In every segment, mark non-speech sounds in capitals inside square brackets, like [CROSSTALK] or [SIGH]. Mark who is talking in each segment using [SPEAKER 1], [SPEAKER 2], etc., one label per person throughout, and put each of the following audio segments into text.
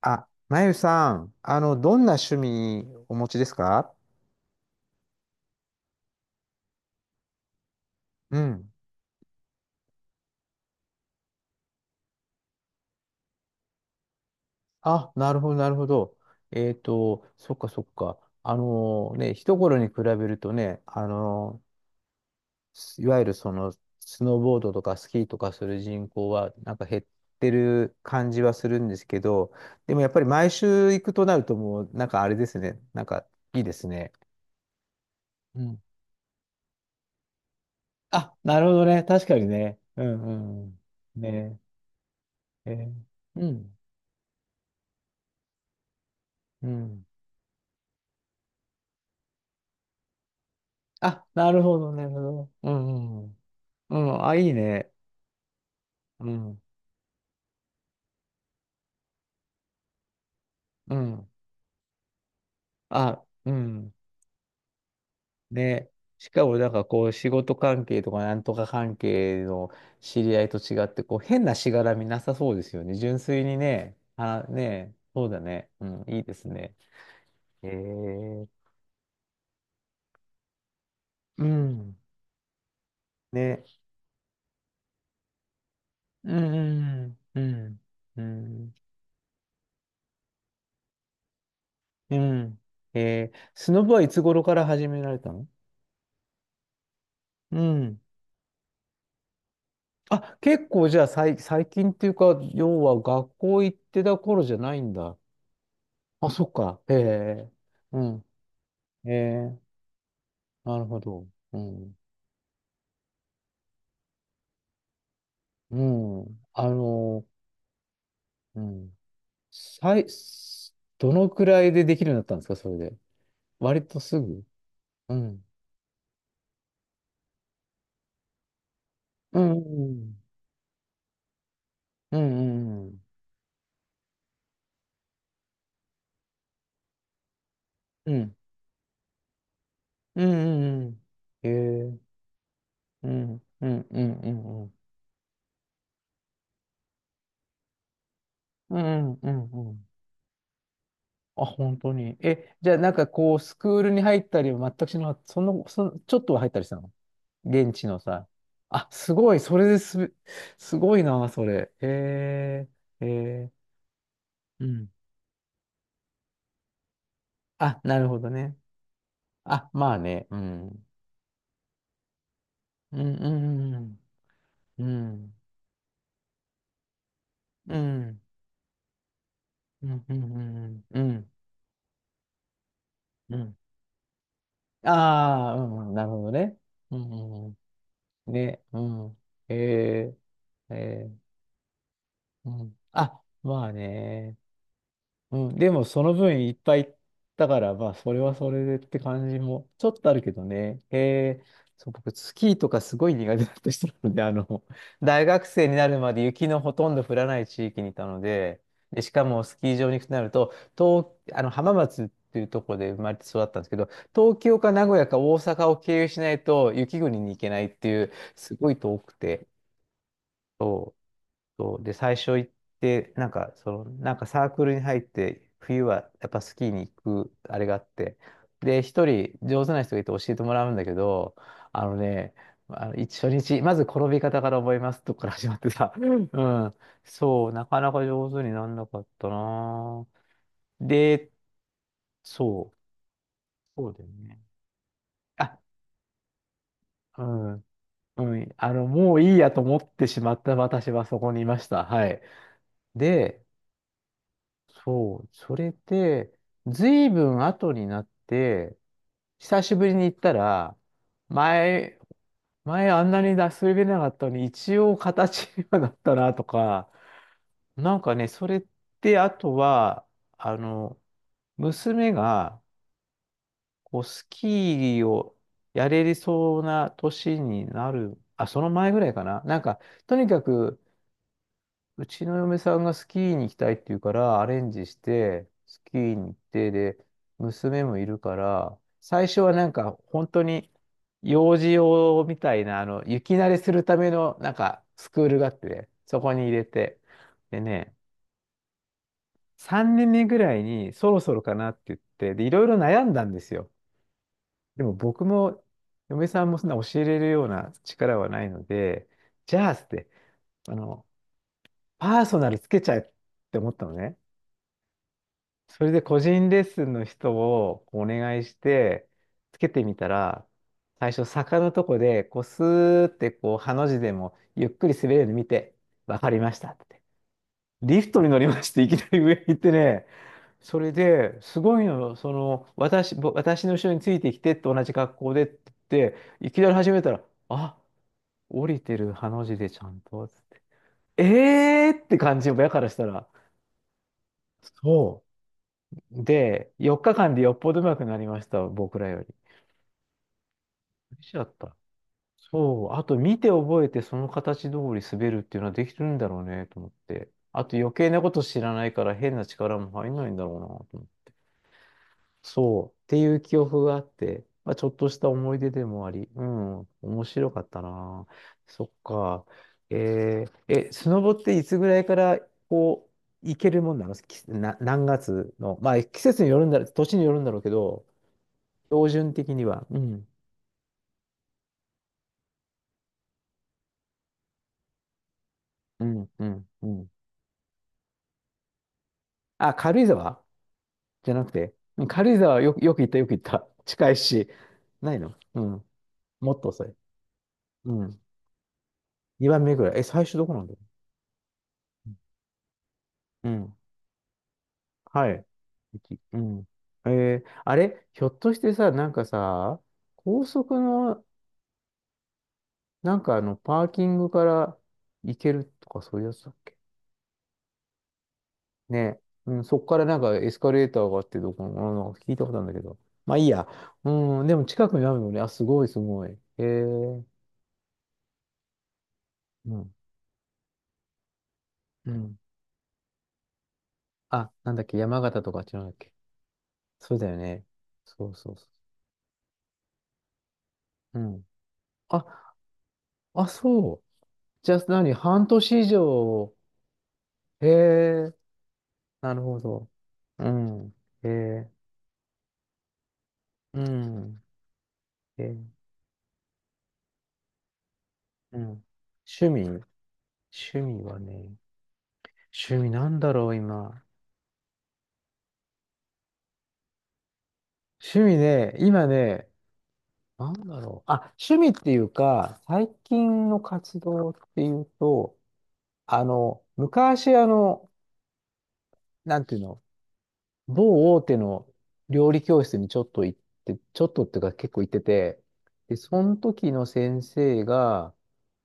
[SPEAKER 1] あ、まゆさん、どんな趣味お持ちですか？うん。あ、なるほど、なるほど。そっか、そっか。あのね、一頃に比べるとね、あのすいわゆるスノーボードとかスキーとかする人口は、なんか減ってる感じはするんですけど、でもやっぱり毎週行くとなるともう、なんかあれですね、なんかいいですね。うん。あ、なるほどね。確かにね。うんうんうん。ねえ。うん。うん。あ、なるほど、なるほど。うん、うん。うん、あ、いいね。うん、うん。あ、うん。ね。しかも、なんかこう、仕事関係とか、なんとか関係の知り合いと違って、こう、変なしがらみなさそうですよね。純粋にね。あ、ね。そうだね。うん、いいですね。へえ。うん。ね。うん、うん、うん。うん。うん。スノボはいつ頃から始められたの？うん。あ、結構じゃあ最近っていうか、要は学校行ってた頃じゃないんだ。あ、そっか。へえ。うん。へえ。なるほど。うん。うん。うん。最、どのくらいでできるようになったんですか、それで？割とすぐ？うん。うん。うん。うん。うん。うん。うん。うんうん。へえ。うん。うん。うん。うん。うん。うん。うん。うん、あ、本当に？え、じゃあなんかこう、スクールに入ったりは全くしなかった？ちょっとは入ったりしたの？現地のさ。あ、すごい。それですすごいな、それ。へえ、へえ、うん。あ、なるほどね。あ、まあね。うん。うん、うん、うん、うん、うん、うん、うん、うん、うん。うん、ああー、うん、なるほどね。うん、うん、うん、ね、うん。へえ、へえ、うん。あ、まあね。うん、でもその分いっぱい行ったから、まあそれはそれでって感じもちょっとあるけどね。へえ、そう、僕スキーとかすごい苦手だった人なので、大学生になるまで雪のほとんど降らない地域にいたので、で、しかもスキー場に行くとなると、東、あの浜松っていうところで生まれて育ったんですけど、東京か名古屋か大阪を経由しないと雪国に行けないっていう、すごい遠くて。そうで、最初行って、サークルに入って、冬はやっぱスキーに行く、あれがあって、で、一人上手な人がいて教えてもらうんだけど、あのね、あの一初日、まず転び方から覚えますとこか [LAUGHS] ら始まってさ、[LAUGHS] うん、そう、なかなか上手になんなかったなぁ。で、そう、そうだよね。あ、うん、うん、もういいやと思ってしまった私はそこにいました。はい。で、そう、それで、ずいぶん後になって、久しぶりに行ったら、前、前あんなに出し入れなかったのに、一応形にはなったなとか、なんかね、それって、あとは、あの、娘が、こう、スキーをやれそうな年になる、あ、その前ぐらいかな。なんか、とにかく、うちの嫁さんがスキーに行きたいって言うから、アレンジして、スキーに行って、で、娘もいるから、最初はなんか、本当に、幼児用みたいな、雪慣れするための、なんか、スクールがあって、そこに入れて。でね、3年目ぐらいに、そろそろかなって言って、で、いろいろ悩んだんですよ。でも僕も、嫁さんもそんな教えれるような力はないので、じゃあ、つって、あの、パーソナルつけちゃえって思ったのね。それで個人レッスンの人をお願いして、つけてみたら、最初坂のとこで、こうスーってこう、ハの字でもゆっくり滑れるの見て、わかりましたって。リフトに乗りまして、いきなり上に行ってね、それで、すごいの、その、私の後ろについてきてって同じ格好でって言って、いきなり始めたら、あ、降りてるハの字でちゃんと、つって、えーって感じ、親からしたら、そう。で、4日間でよっぽど上手くなりました、僕らより。できちゃった。そう、あと見て覚えてその形通り滑るっていうのはできてるんだろうね、と思って。あと余計なこと知らないから変な力も入んないんだろうな、と思って。そう、っていう記憶があって、まあ、ちょっとした思い出でもあり、うん、面白かったな。そっか。えーえ、スノボっていつぐらいからこう、行けるもんなのきな、何月の、まあ季節によるんだろう、年によるんだろうけど、標準的には。うん。うん、うん、うん。あ、軽井沢じゃなくて。うん、軽井沢はよく、よく行った、よく行った。近いし。ないの、うん。もっと遅い。うん。2番目ぐらい。え、最初どこなんだろう？うん。はい。駅、うん。えー、あれひょっとしてさ、なんかさ、高速の、パーキングから行けるとかそういうやつだっけ？ね、うん、そっからなんかエスカレーターがあってどこの、なんか聞いたことあるんだけど。まあいいや。うん、でも近くにあるのね。あ、すごいすごい。へえ。うん。うん。あ、なんだっけ、山形とかあっちなんだっけ？そうだよね。そうそうそう。うん。あ、あ、そう。じゃあ何、半年以上？へえ。なるほど。うん。へえ。うん。へえ。うん。趣味？趣味はね。趣味なんだろう、今。趣味ね、今ね、なんだろう。あ、趣味っていうか、最近の活動っていうと、昔、なんていうの、某大手の料理教室にちょっと行って、ちょっとっていうか結構行ってて、で、その時の先生が、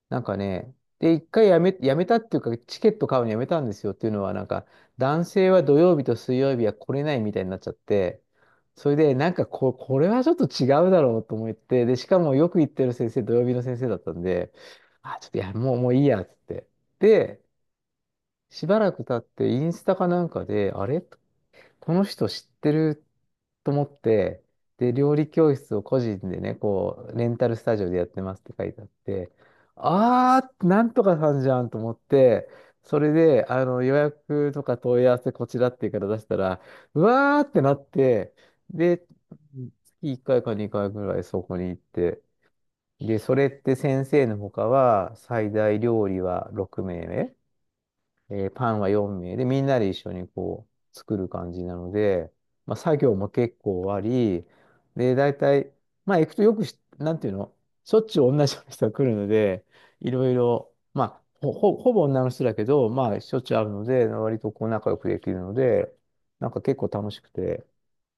[SPEAKER 1] なんかね、で、一回やめ、やめたっていうか、チケット買うのやめたんですよっていうのは、なんか、男性は土曜日と水曜日は来れないみたいになっちゃって、それで、これはちょっと違うだろうと思って、で、しかもよく行ってる先生、土曜日の先生だったんで、あ、ちょっといや、もういいや、つって。で、しばらく経って、インスタかなんかで、あれ？この人知ってると思って、で、料理教室を個人でね、こう、レンタルスタジオでやってますって書いてあって、あー、なんとかさんじゃんと思って、それで、予約とか問い合わせこちらっていうから出したら、うわーってなって、で、月1回か2回ぐらいそこに行って、で、それって先生の他は、最大料理は6名目。パンは4名で、みんなで一緒にこう、作る感じなので、まあ、作業も結構あり、で、大体、まあ、行くとよくし、なんていうの、しょっちゅう同じような人が来るので、いろいろ、まあ、ほぼ女の人だけど、まあ、しょっちゅう会うので、割とこう、仲良くできるので、なんか結構楽しくて、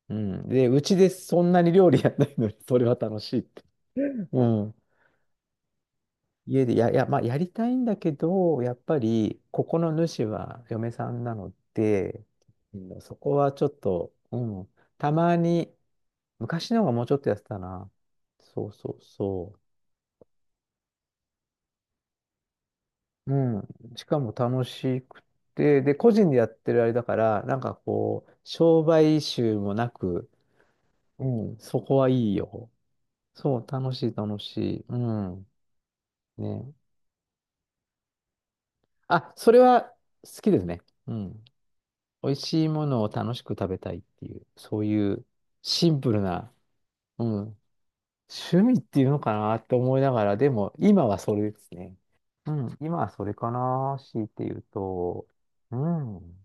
[SPEAKER 1] うん。で、うちでそんなに料理やんないのに、それは楽しいって。うん。家でや、いや、まあ、やりたいんだけど、やっぱり、ここの主は嫁さんなので、うん、そこはちょっと、うん、たまに、昔の方がもうちょっとやってたな。そうそうそう。うん。しかも楽しくて、で、個人でやってるあれだから、なんかこう、商売臭もなく、うん、そこはいいよ。そう、楽しい楽しい。うん。ね。あ、それは好きですね。うん。美味しいものを楽しく食べたいっていう、そういうシンプルな、うん、趣味っていうのかなって思いながら、でも今はそれですね。うん、今はそれかな、強いて言うと、うん。